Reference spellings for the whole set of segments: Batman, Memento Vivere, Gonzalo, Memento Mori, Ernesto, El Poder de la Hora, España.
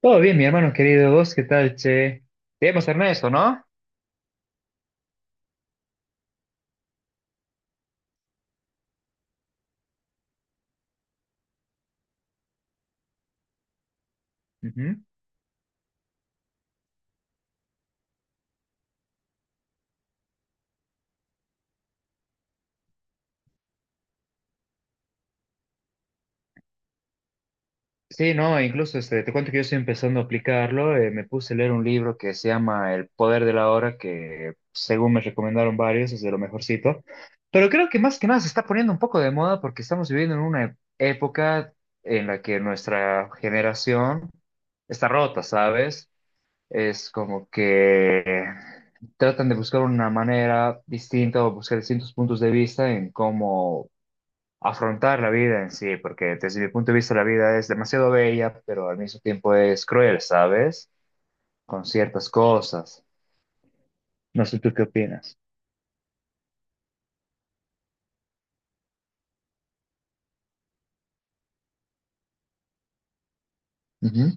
Todo bien, mi hermano querido. ¿Vos qué tal, che? Debemos Ernesto, ¿no? Ujú. Sí, no, incluso te cuento que yo estoy empezando a aplicarlo. Me puse a leer un libro que se llama El Poder de la Hora, que según me recomendaron varios, es de lo mejorcito. Pero creo que más que nada se está poniendo un poco de moda porque estamos viviendo en una época en la que nuestra generación está rota, ¿sabes? Es como que tratan de buscar una manera distinta o buscar distintos puntos de vista en cómo afrontar la vida en sí, porque desde mi punto de vista la vida es demasiado bella, pero al mismo tiempo es cruel, ¿sabes? Con ciertas cosas. No sé tú qué opinas. Ujú,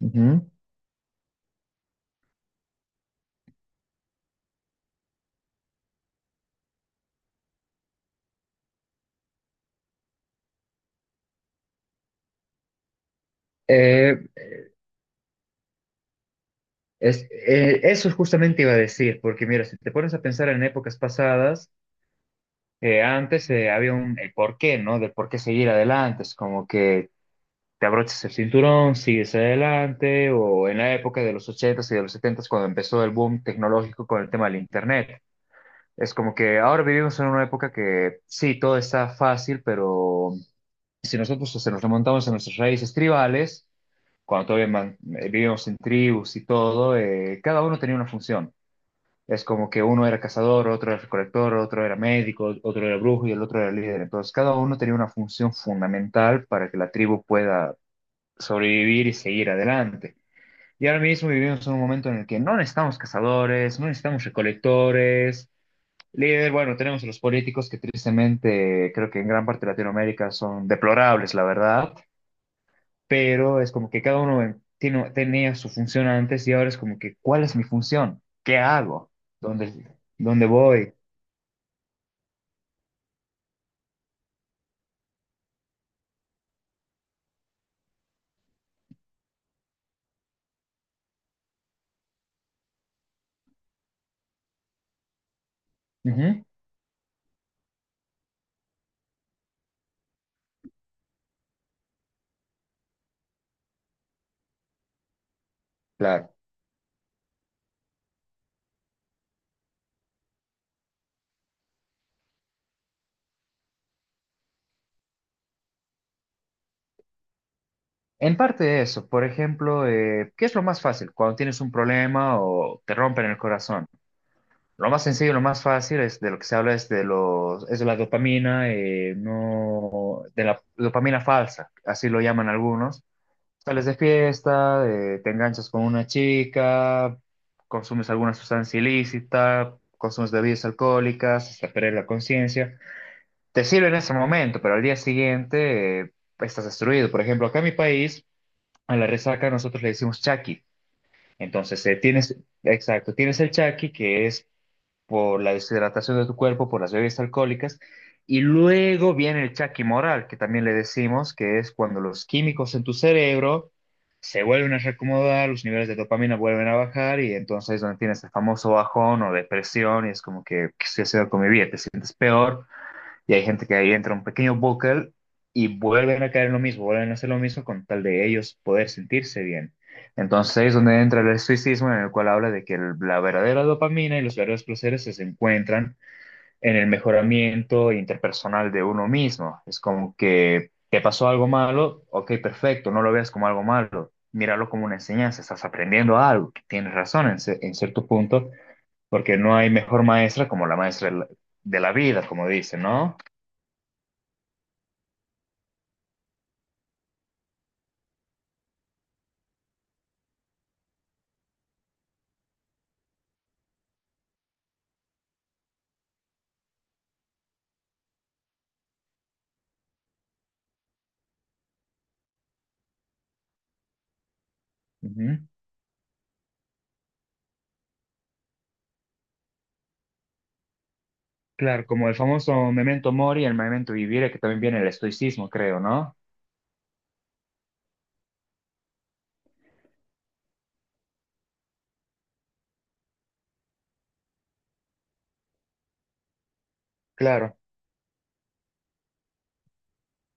ujú. Eh, Eso justamente iba a decir, porque mira, si te pones a pensar en épocas pasadas, antes había un el por qué, ¿no? Del por qué seguir adelante, es como que te abrochas el cinturón, sigues adelante, o en la época de los ochentas y de los setentas, cuando empezó el boom tecnológico con el tema del Internet. Es como que ahora vivimos en una época que sí, todo está fácil, pero si nosotros se nos remontamos a nuestras raíces tribales, cuando todavía vivíamos en tribus y todo, cada uno tenía una función. Es como que uno era cazador, otro era recolector, otro era médico, otro era brujo y el otro era líder. Entonces, cada uno tenía una función fundamental para que la tribu pueda sobrevivir y seguir adelante. Y ahora mismo vivimos en un momento en el que no necesitamos cazadores, no necesitamos recolectores. Líder, bueno, tenemos a los políticos que tristemente creo que en gran parte de Latinoamérica son deplorables, la verdad, pero es como que cada uno tenía su función antes y ahora es como que, ¿cuál es mi función? ¿Qué hago? ¿Dónde, dónde voy? Ujú, claro. En parte de eso, por ejemplo, ¿qué es lo más fácil cuando tienes un problema o te rompen el corazón? Lo más sencillo, lo más fácil es de lo que se habla es de los, es de la dopamina, no, de la dopamina falsa, así lo llaman algunos. Sales de fiesta, te enganchas con una chica, consumes alguna sustancia ilícita, consumes bebidas alcohólicas hasta perder la conciencia. Te sirve en ese momento, pero al día siguiente estás destruido. Por ejemplo, acá en mi país, a la resaca nosotros le decimos chaki. Entonces, tienes, exacto, tienes el chaki, que es por la deshidratación de tu cuerpo, por las bebidas alcohólicas. Y luego viene el chaquimoral, que también le decimos, que es cuando los químicos en tu cerebro se vuelven a reacomodar, los niveles de dopamina vuelven a bajar y entonces es donde tienes el famoso bajón o depresión y es como que, ¿qué estoy haciendo con mi vida? Te sientes peor y hay gente que ahí entra un pequeño bucle y vuelven a caer en lo mismo, vuelven a hacer lo mismo con tal de ellos poder sentirse bien. Entonces ahí es donde entra el estoicismo en el cual habla de que la verdadera dopamina y los verdaderos placeres se encuentran en el mejoramiento interpersonal de uno mismo. Es como que te pasó algo malo, ok, perfecto, no lo veas como algo malo, míralo como una enseñanza, estás aprendiendo algo, tienes razón en cierto punto, porque no hay mejor maestra como la maestra de la vida, como dicen, ¿no? Ujú. Claro, como el famoso Memento Mori, el Memento Vivere, que también viene el estoicismo, creo, ¿no? Claro.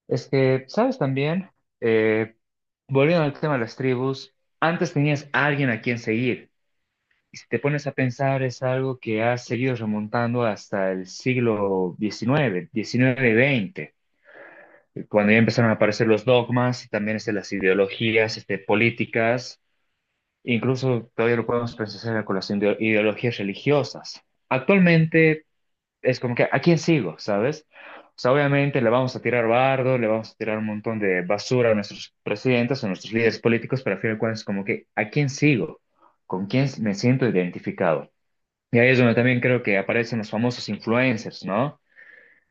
Es que, ¿sabes también? Eh, Volviendo al tema de las tribus, antes tenías a alguien a quien seguir. Y si te pones a pensar, es algo que ha seguido remontando hasta el siglo XIX, XIX, XX, cuando ya empezaron a aparecer los dogmas y también las ideologías, políticas. Incluso todavía lo podemos pensar con las ideologías religiosas. Actualmente es como que, ¿a quién sigo? ¿Sabes? O sea, obviamente le vamos a tirar bardo, le vamos a tirar un montón de basura a nuestros presidentes, a nuestros líderes políticos, pero al final de cuentas es como que, ¿a quién sigo? ¿Con quién me siento identificado? Y ahí es donde también creo que aparecen los famosos influencers, ¿no?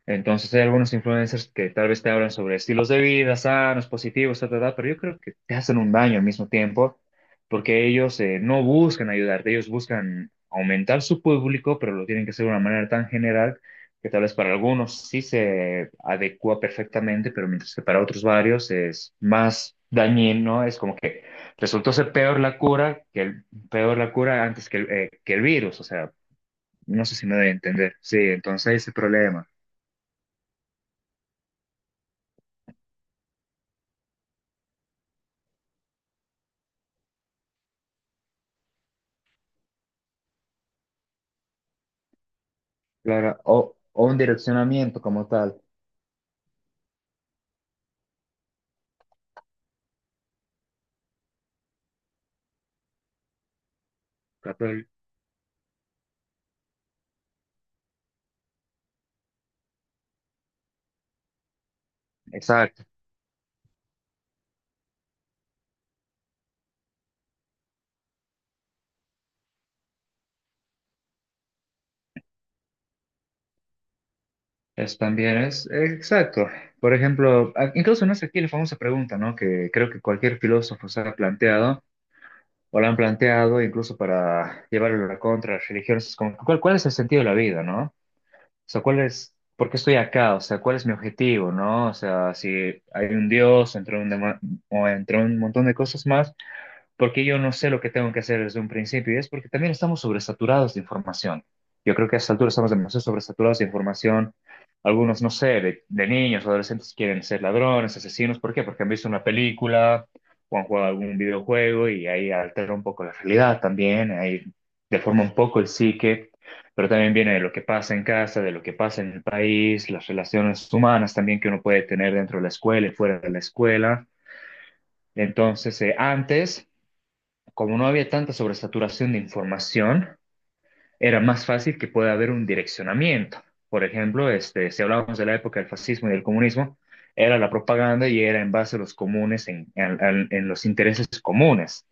Entonces hay algunos influencers que tal vez te hablan sobre estilos de vida sanos, positivos, ta, ta, ta, pero yo creo que te hacen un daño al mismo tiempo porque ellos no buscan ayudarte, ellos buscan aumentar su público, pero lo tienen que hacer de una manera tan general que tal vez para algunos sí se adecua perfectamente, pero mientras que para otros varios es más dañino, ¿no? Es como que resultó ser peor la cura que el, peor la cura antes que el virus, o sea, no sé si me doy a entender. Sí, entonces ese problema. Claro, o un direccionamiento como tal. Capel. Exacto, es también es, exacto. Por ejemplo, incluso no es aquí la famosa pregunta, ¿no? Que creo que cualquier filósofo se ha planteado, o la han planteado, incluso para llevarlo a la contra las religiones, es como, ¿cuál es el sentido de la vida, ¿no? O sea, ¿por qué estoy acá? O sea, ¿cuál es mi objetivo, ¿no? O sea, si hay un Dios, o entre un montón de cosas más. Porque yo no sé lo que tengo que hacer desde un principio y es porque también estamos sobresaturados de información. Yo creo que a esta altura estamos demasiado sobresaturados de información. Algunos, no sé, de niños, adolescentes quieren ser ladrones, asesinos. ¿Por qué? Porque han visto una película o han jugado algún videojuego y ahí altera un poco la realidad también, ahí deforma un poco el psique, pero también viene de lo que pasa en casa, de lo que pasa en el país, las relaciones humanas también que uno puede tener dentro de la escuela y fuera de la escuela. Entonces, antes como no había tanta sobresaturación de información, era más fácil que pueda haber un direccionamiento. Por ejemplo, este, si hablábamos de la época del fascismo y del comunismo, era la propaganda y era en base a los comunes, en los intereses comunes.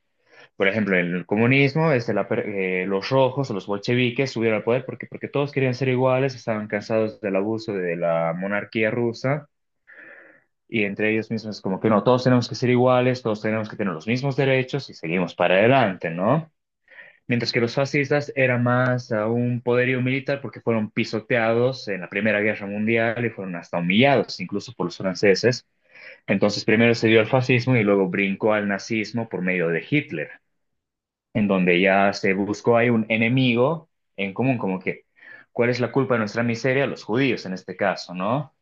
Por ejemplo, en el comunismo, los rojos, o los bolcheviques subieron al poder porque todos querían ser iguales, estaban cansados del abuso de la monarquía rusa y entre ellos mismos como que no, todos tenemos que ser iguales, todos tenemos que tener los mismos derechos y seguimos para adelante, ¿no? Mientras que los fascistas eran más a un poderío militar porque fueron pisoteados en la Primera Guerra Mundial y fueron hasta humillados incluso por los franceses. Entonces primero se dio al fascismo y luego brincó al nazismo por medio de Hitler, en donde ya se buscó ahí un enemigo en común, como que, ¿cuál es la culpa de nuestra miseria? Los judíos en este caso, ¿no?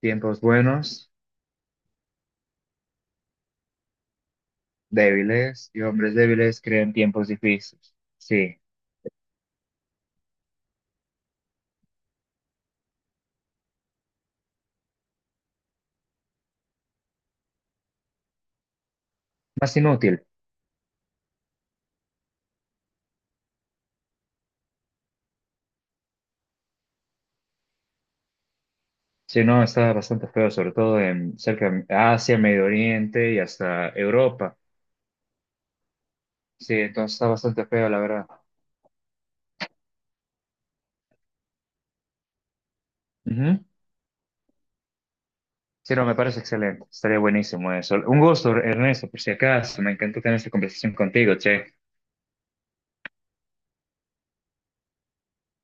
Tiempos buenos, débiles y hombres débiles creen tiempos difíciles. Sí, más inútil. Sí, no, está bastante feo, sobre todo en cerca de Asia, Medio Oriente y hasta Europa. Sí, entonces está bastante feo, la verdad. Ujú. Sí, no, me parece excelente. Estaría buenísimo eso. Un gusto, Ernesto, por si acaso. Me encantó tener esta conversación contigo, che.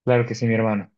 Claro que sí, mi hermano.